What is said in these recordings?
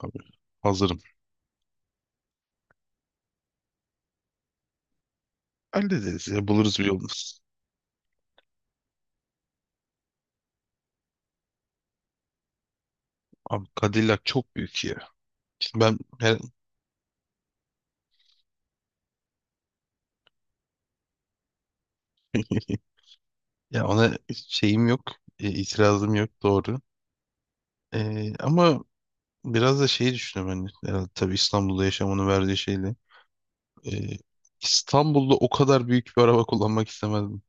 Abi hazırım. Hallederiz ya, buluruz bir yolunu. Abi Cadillac çok büyük ya. Şimdi ben her- Ya ona şeyim yok. İtirazım yok, doğru. Ama biraz da şeyi düşünüyorum hani. Herhalde tabii İstanbul'da yaşamanın verdiği şeyle. E, İstanbul'da o kadar büyük bir araba kullanmak istemezdim.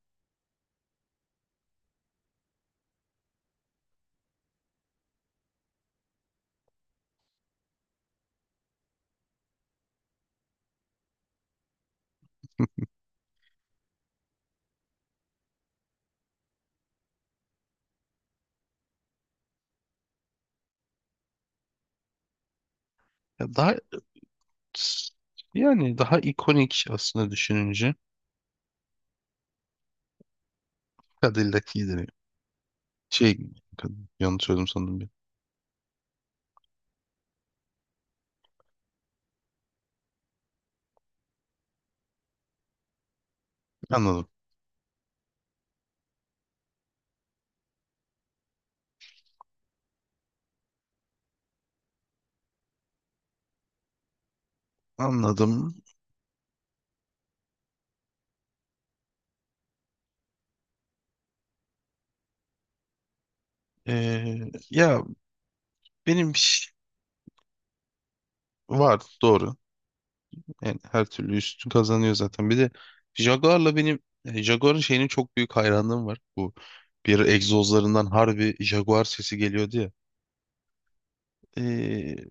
Ya daha, yani daha ikonik aslında düşününce Cadillac iyidir ya. Şey Yanlış söyledim sandım bir. Anladım. Anladım. Ya benim var doğru. Yani her türlü üstün kazanıyor zaten. Bir de Jaguar'la benim Jaguar'ın şeyinin çok büyük hayranlığım var. Bu bir egzozlarından harbi Jaguar sesi geliyordu ya. Ee,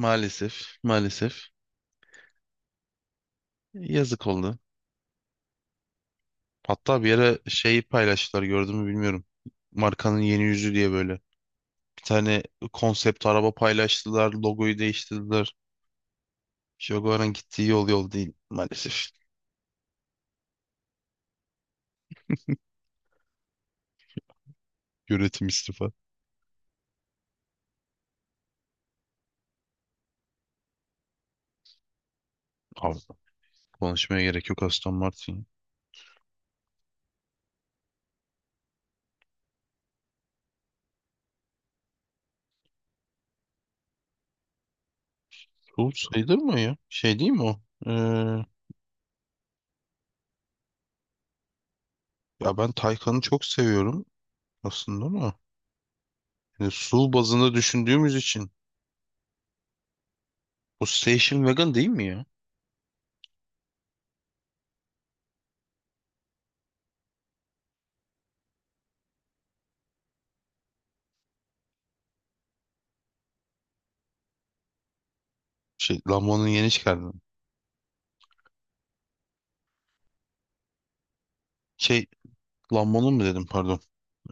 maalesef, maalesef, yazık oldu. Hatta bir yere şeyi paylaştılar, gördün mü bilmiyorum. Markanın yeni yüzü diye böyle. Bir tane konsept araba paylaştılar. Logoyu değiştirdiler. Jaguar'ın gittiği yol, yol değil maalesef. Yönetim istifa. Konuşmaya gerek yok, Aston Martin. Tool sayılır mı ya? Şey değil mi o? Ee, Ya ben Taycan'ı çok seviyorum aslında ama yani SUV bazında düşündüğümüz için o Station Wagon değil mi ya? Şey, Lambo'nun yeni çıkardığı. Şey, Lambo'nun mu dedim, pardon.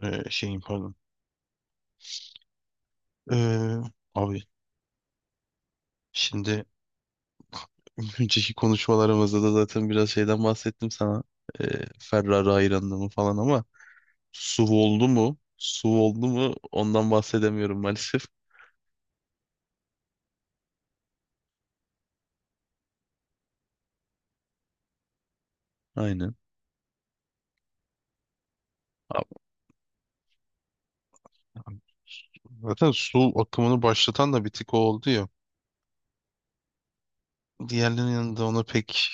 Şeyin pardon. Ee, Abi şimdi önceki konuşmalarımızda da zaten biraz şeyden bahsettim sana. Ferrari hayranlığımı falan ama SUV oldu mu? SUV oldu mu? Ondan bahsedemiyorum maalesef. Aynen. Zaten su akımını başlatan da bir tık o oldu ya. Diğerlerinin yanında ona pek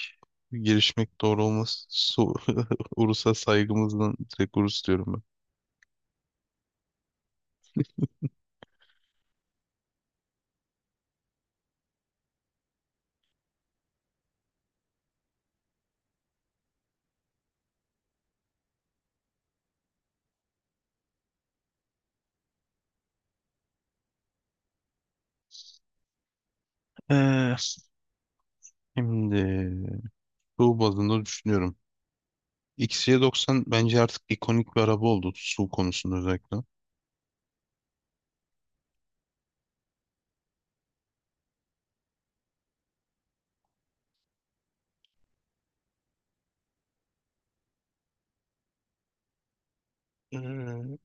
girişmek doğru olmaz. Su, Urus'a saygımızdan direkt Urus diyorum ben. Şimdi su bazında düşünüyorum. XC90 bence artık ikonik bir araba oldu, su konusunda özellikle. Ee,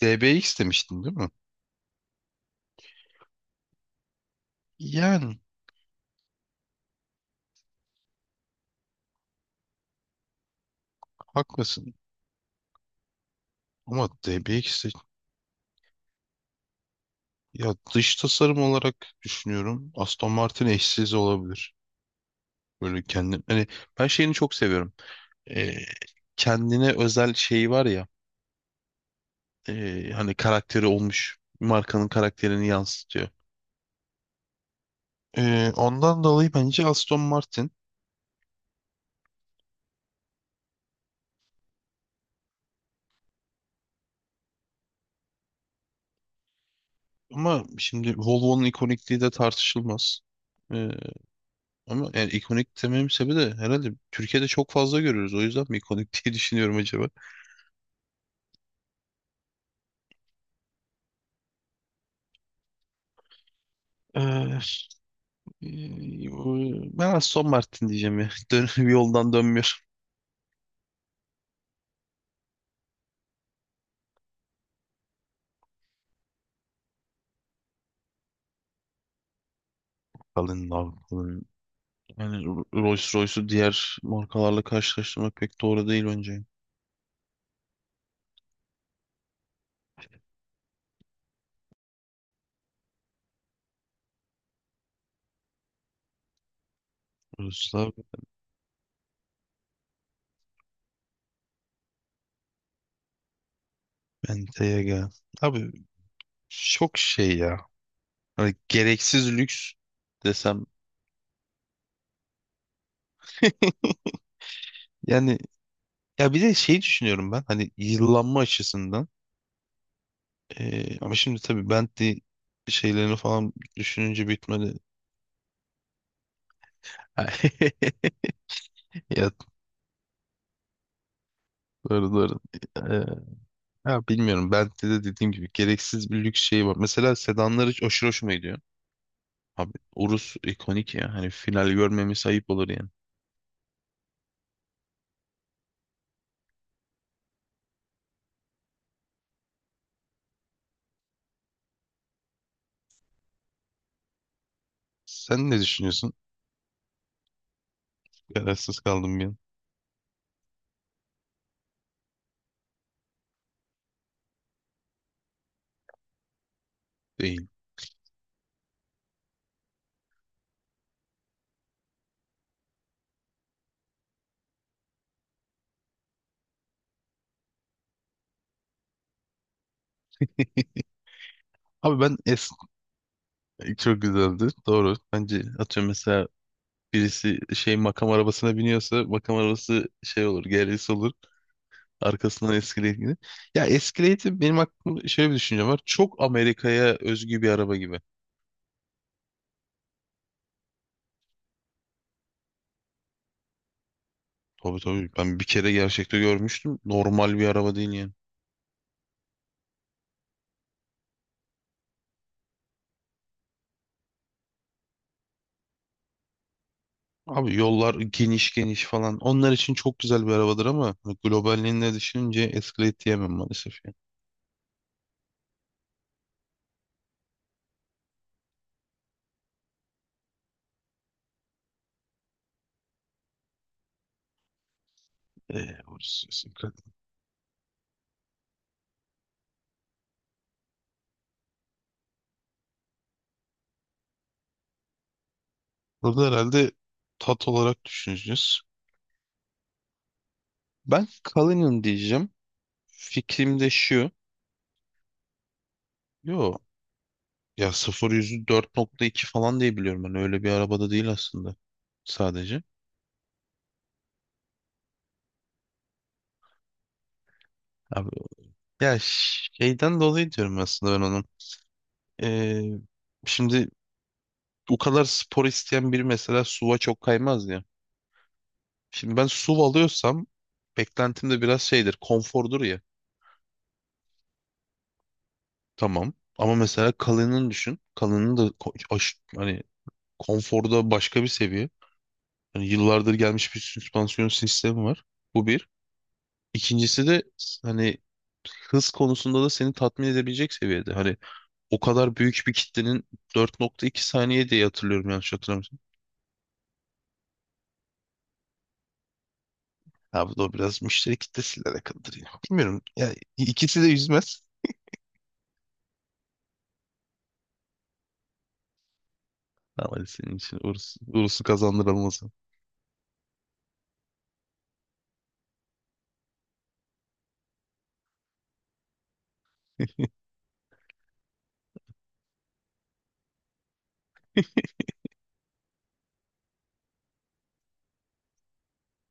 DBX demiştin değil mi? Yani haklısın. Ama DBX de, ya dış tasarım olarak düşünüyorum. Aston Martin eşsiz olabilir. Böyle kendim hani ben şeyini çok seviyorum. Ee, Kendine özel şeyi var ya, hani karakteri olmuş, markanın karakterini yansıtıyor. Ondan dolayı bence Aston Martin, ama şimdi Volvo'nun ikonikliği de tartışılmaz. Ee, Ama yani ikonik dememin sebebi de herhalde Türkiye'de çok fazla görüyoruz. O yüzden mi ikonik diye düşünüyorum acaba? Ee, e, Ben Aston Martin diyeceğim ya. Dön, yoldan dönmüyor. Kalın abi. Yani Rolls Royce'u diğer markalarla karşılaştırmak pek doğru değil bence. Ruslav Bentayga. Abi çok şey ya. Hani gereksiz lüks desem. Yani ya bir de şey düşünüyorum ben. Hani yıllanma açısından. Ama şimdi tabii Bentley şeylerini falan düşününce bitmedi. Ya doğru, doğru. Ee, Ya bilmiyorum. Bentley'de dediğim gibi gereksiz bir lüks şey var. Mesela sedanlar hiç aşırı hoşuma gidiyor. Abi Urus ikonik ya. Hani final görmemiz ayıp olur yani. Sen ne düşünüyorsun? Kararsız kaldım bir an. Değil. Abi ben es çok güzeldi. Doğru. Bence atıyorum, mesela birisi şey makam arabasına biniyorsa makam arabası şey olur. GRS olur. Arkasından Escalade'i. Ya Escalade'i, benim aklımda şöyle bir düşüncem var. Çok Amerika'ya özgü bir araba gibi. Tabii tabii. Ben bir kere gerçekte görmüştüm. Normal bir araba değil yani. Abi yollar geniş geniş falan. Onlar için çok güzel bir arabadır ama hani globalliğinde düşününce Escalade diyemem maalesef. Yani. Orası Escalade. Burada herhalde tat olarak düşüneceğiz. Ben Cullinan diyeceğim. Fikrim de şu. Yo. Ya 0 yüzü 4.2 falan diye biliyorum ben. Öyle bir arabada değil aslında. Sadece. Abi, ya şeyden dolayı diyorum aslında ben onun. Ee, Şimdi o kadar spor isteyen biri mesela SUV'a çok kaymaz ya. Şimdi ben SUV alıyorsam beklentim de biraz şeydir. Konfordur ya. Tamam. Ama mesela kalının düşün. Kalının da hani konforda başka bir seviye. Hani yıllardır gelmiş bir süspansiyon sistemi var. Bu bir. İkincisi de hani hız konusunda da seni tatmin edebilecek seviyede. Hani o kadar büyük bir kitlenin 4.2 saniye diye hatırlıyorum, yanlış hatırlamıyorsam. Ha bu da biraz müşteri kitlesiyle alakalıdır yine. Bilmiyorum. Ya ikisi de yüzmez. Ama hadi senin için uğursu, uğursu kazandırılmaz.